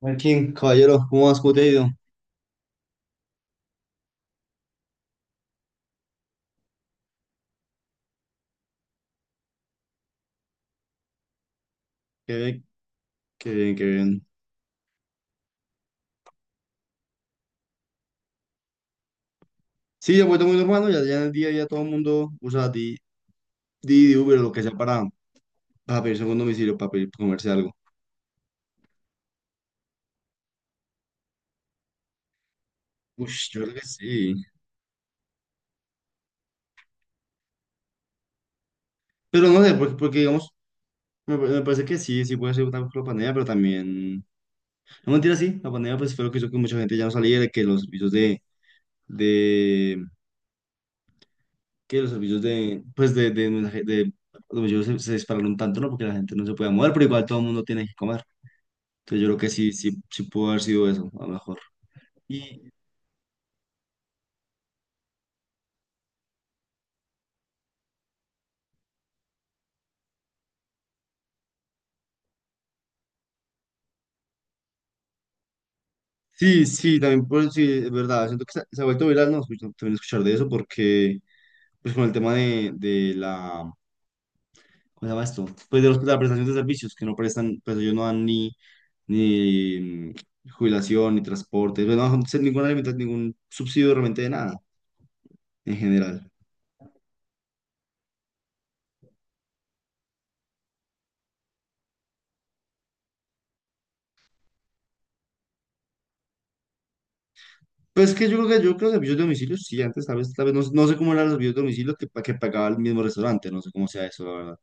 Martín, caballero, ¿cómo vas? ¿Cómo te ha ido? Qué bien, qué bien, qué bien. Sí, ya he vuelto muy normal, ¿no? Ya en el día ya todo el mundo usa Didi, Uber o lo que sea para pedirse un domicilio, para pedir, para comerse algo. Uy, yo creo que sí. Pero no sé, porque digamos, me parece que sí, sí puede ser una la pandemia, pero también... No mentira, sí, la pandemia pues fue lo que hizo que mucha gente ya no saliera, que los servicios de que los servicios de... pues de... de domicilio se dispararon tanto, ¿no? Porque la gente no se puede mover, pero igual todo el mundo tiene que comer. Entonces yo creo que sí pudo haber sido eso, a lo mejor. Y sí, sí, también por sí, es verdad, siento que se ha vuelto viral, no, también escuchar de eso, porque pues con el tema de la, ¿cómo se llama esto? Pues de la prestación de servicios, que no prestan, pues ellos no dan ni, ni jubilación, ni transporte, pues, no, no ningún subsidio realmente de nada, en general. Pues que yo creo que los servicios de domicilio, sí, antes tal vez no, no sé cómo eran los servicios de domicilio que pagaba el mismo restaurante, no sé cómo sea eso, la verdad.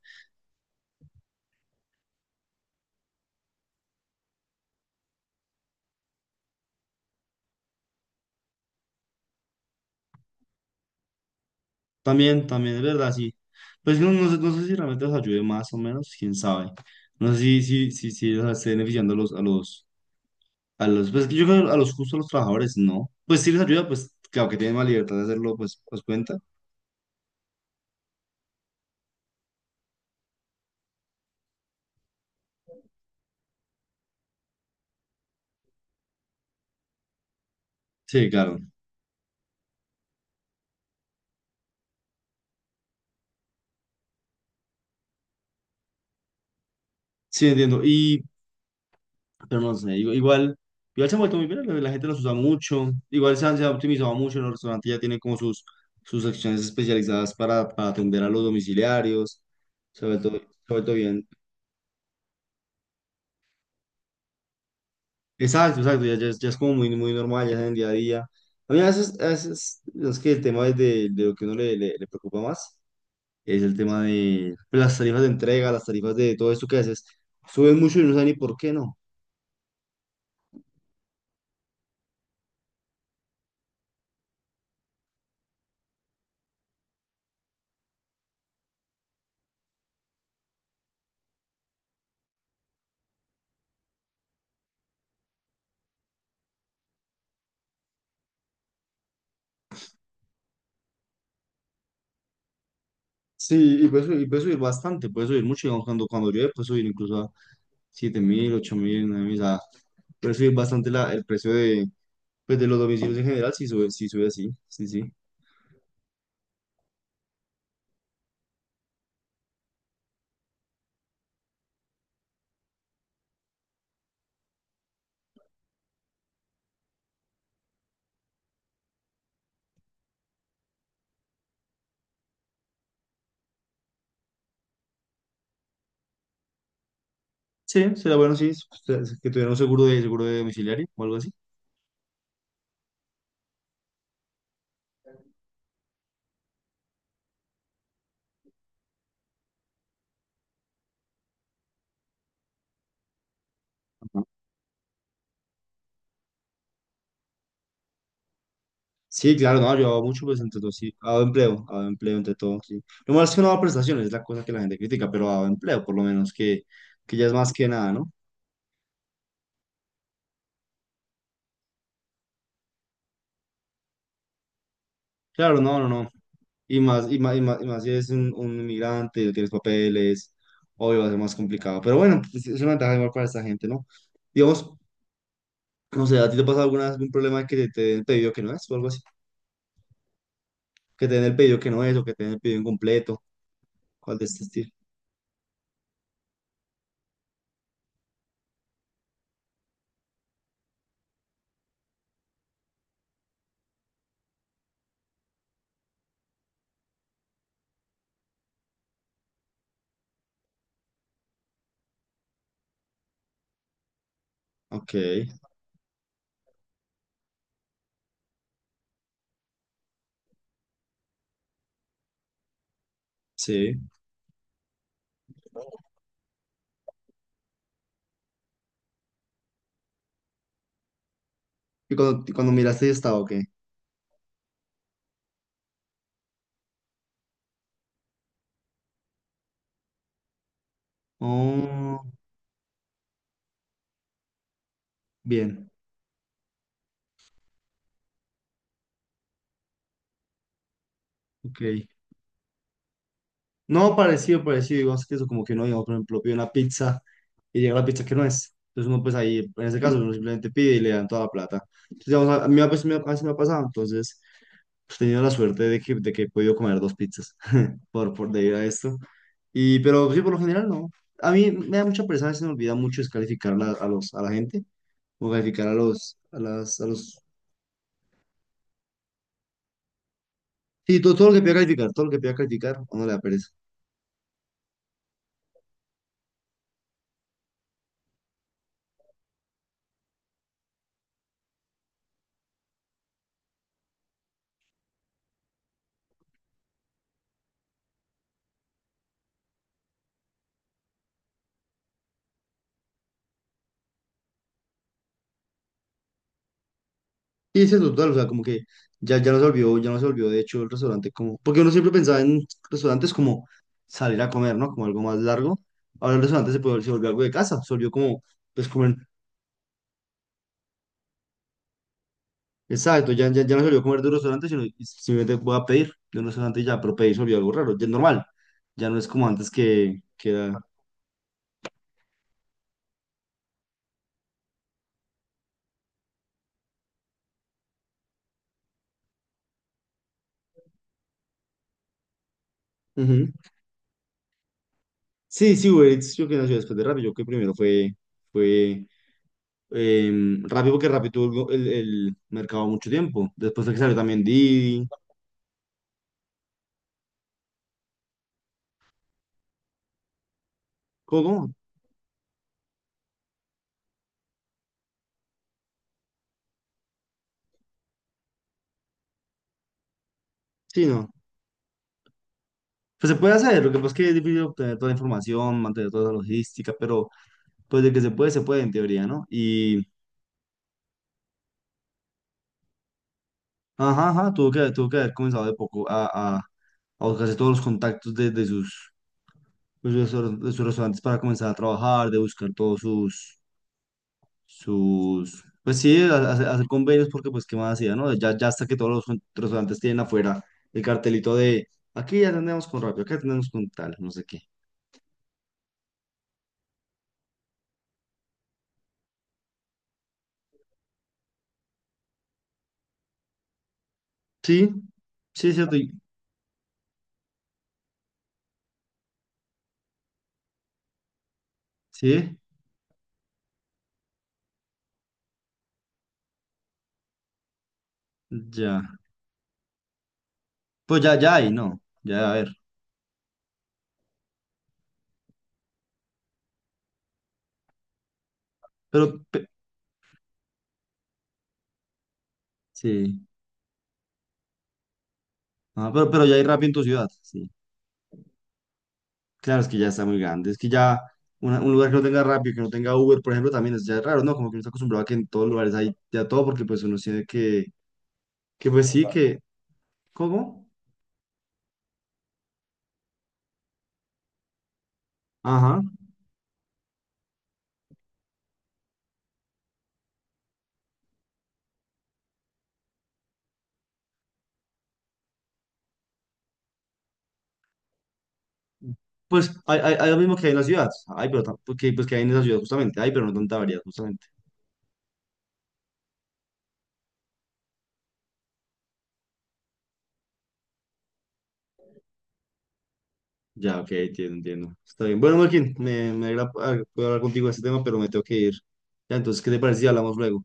También, también, es verdad, sí. Pues no, no sé, no sé si realmente los ayude más o menos, quién sabe. No sé si o sea, esté beneficiando a pues yo creo que a los justos, a los trabajadores, no. Pues si les ayuda, pues claro que tienen más libertad de hacerlo, pues, pues cuenta. Sí, claro. Sí, entiendo. Y, pero no sé, igual, igual se han vuelto muy bien, la gente los usa mucho, igual se han optimizado mucho, los restaurantes ya tienen como sus, sus secciones especializadas para atender a los domiciliarios, se ha vuelto bien. Exacto, exacto, ya, ya es como muy, muy normal, ya es en el día a día. A mí a veces, es que el tema es de lo que uno le preocupa más es el tema de pues, las tarifas de entrega, las tarifas de todo esto que haces, suben mucho y no saben ni por qué no. Sí, y puede subir bastante, puede subir mucho, digamos, cuando llueve puede subir incluso a 7.000, 8.000, 9.000, o sea, puede subir bastante el precio de, pues, de los domicilios en general, si sube, si sube así, sí, sí. Sí, sería bueno, sí, ustedes que tuvieran un seguro de domiciliario o algo así. Ajá. Sí, claro, no, yo hago mucho, pues entre todo, sí, hago empleo entre todo, sí. Lo malo es que no hago prestaciones, es la cosa que la gente critica, pero hago empleo, por lo menos, que ya es más que nada, ¿no? Claro, no, no, no. Y más, y más, y más, y más si eres un inmigrante, no tienes papeles, obvio va a ser más complicado. Pero bueno, es una ventaja igual para esta gente, ¿no? Digamos, no sé, ¿a ti te pasa alguna vez algún problema que te den pedido que no es o algo así? Que te den el pedido que no es o que te den el pedido incompleto. ¿Cuál de este estilo? Ok, sí. ¿Y cuando miraste ya estaba, ok? Oh, bien, ok. No, parecido, parecido. Digamos que eso como que uno, digamos, por ejemplo, pide una pizza y llega la pizza que no es. Entonces uno pues ahí, en ese caso, uno simplemente pide y le dan toda la plata. Entonces, digamos, a mí a veces me ha pasado. Entonces, pues, he tenido la suerte de que he podido comer dos pizzas por debido a esto. Y, pero sí, por lo general no. A mí me da mucha pereza, a veces me olvida mucho a a la gente, o calificar a los, a las, a los, sí, todo, todo lo que pida calificar, todo lo que pida calificar, a uno le da pereza. Y es eso, total, o sea, como que ya, ya no se olvidó, ya no se olvidó, de hecho, el restaurante como, porque uno siempre pensaba en restaurantes como salir a comer, ¿no? Como algo más largo. Ahora el restaurante se volvió algo de casa, se volvió como, pues comer, exacto, ya no se olvidó comer de un restaurante, sino y simplemente voy a pedir de un restaurante y ya, pero pedir se olvidó algo raro, ya es normal, ya no es como antes que era... Ujú. Sí, sí, Uber Eats yo que nació después de Rappi, yo que primero fue, fue Rappi porque Rappi tuvo el mercado mucho tiempo, después fue que salió también Didi, ¿cómo? ¿Cómo? Sí, no, pues se puede hacer, lo que pasa es que es difícil obtener toda la información, mantener toda la logística, pero pues de que se puede en teoría, ¿no? Y... Ajá, ajá, tuvo que haber comenzado de poco a buscarse todos los contactos de sus, pues, de sus restaurantes para comenzar a trabajar, de buscar todos sus, sus, pues sí, hacer, hacer convenios porque pues qué más hacía, ¿no? Ya, ya hasta que todos los restaurantes tienen afuera el cartelito de aquí ya atendemos con rápido, aquí atendemos con tal, no sé qué. Sí, sí, es cierto, y- sí, ya. Pues ya, ya hay, ¿no? Ya, a ver, pero, pe- sí, ajá, pero ya hay rápido en tu ciudad, sí. Claro, es que ya está muy grande. Es que ya un lugar que no tenga Rappi, que no tenga Uber, por ejemplo, también es ya raro, ¿no? Como que uno está acostumbrado a que en todos lugares hay ya todo, porque pues uno tiene que pues sí, que, ¿cómo? Ajá. Pues hay lo mismo que hay en las ciudades. Hay, pero porque, pues que hay en esas ciudades justamente. Hay, pero no tanta variedad, justamente. Ya, ok, entiendo, entiendo. Está bien. Bueno, Marquín, me alegra poder hablar contigo de este tema, pero me tengo que ir. Ya, entonces, ¿qué te parece si hablamos luego?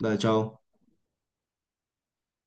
Dale, chao.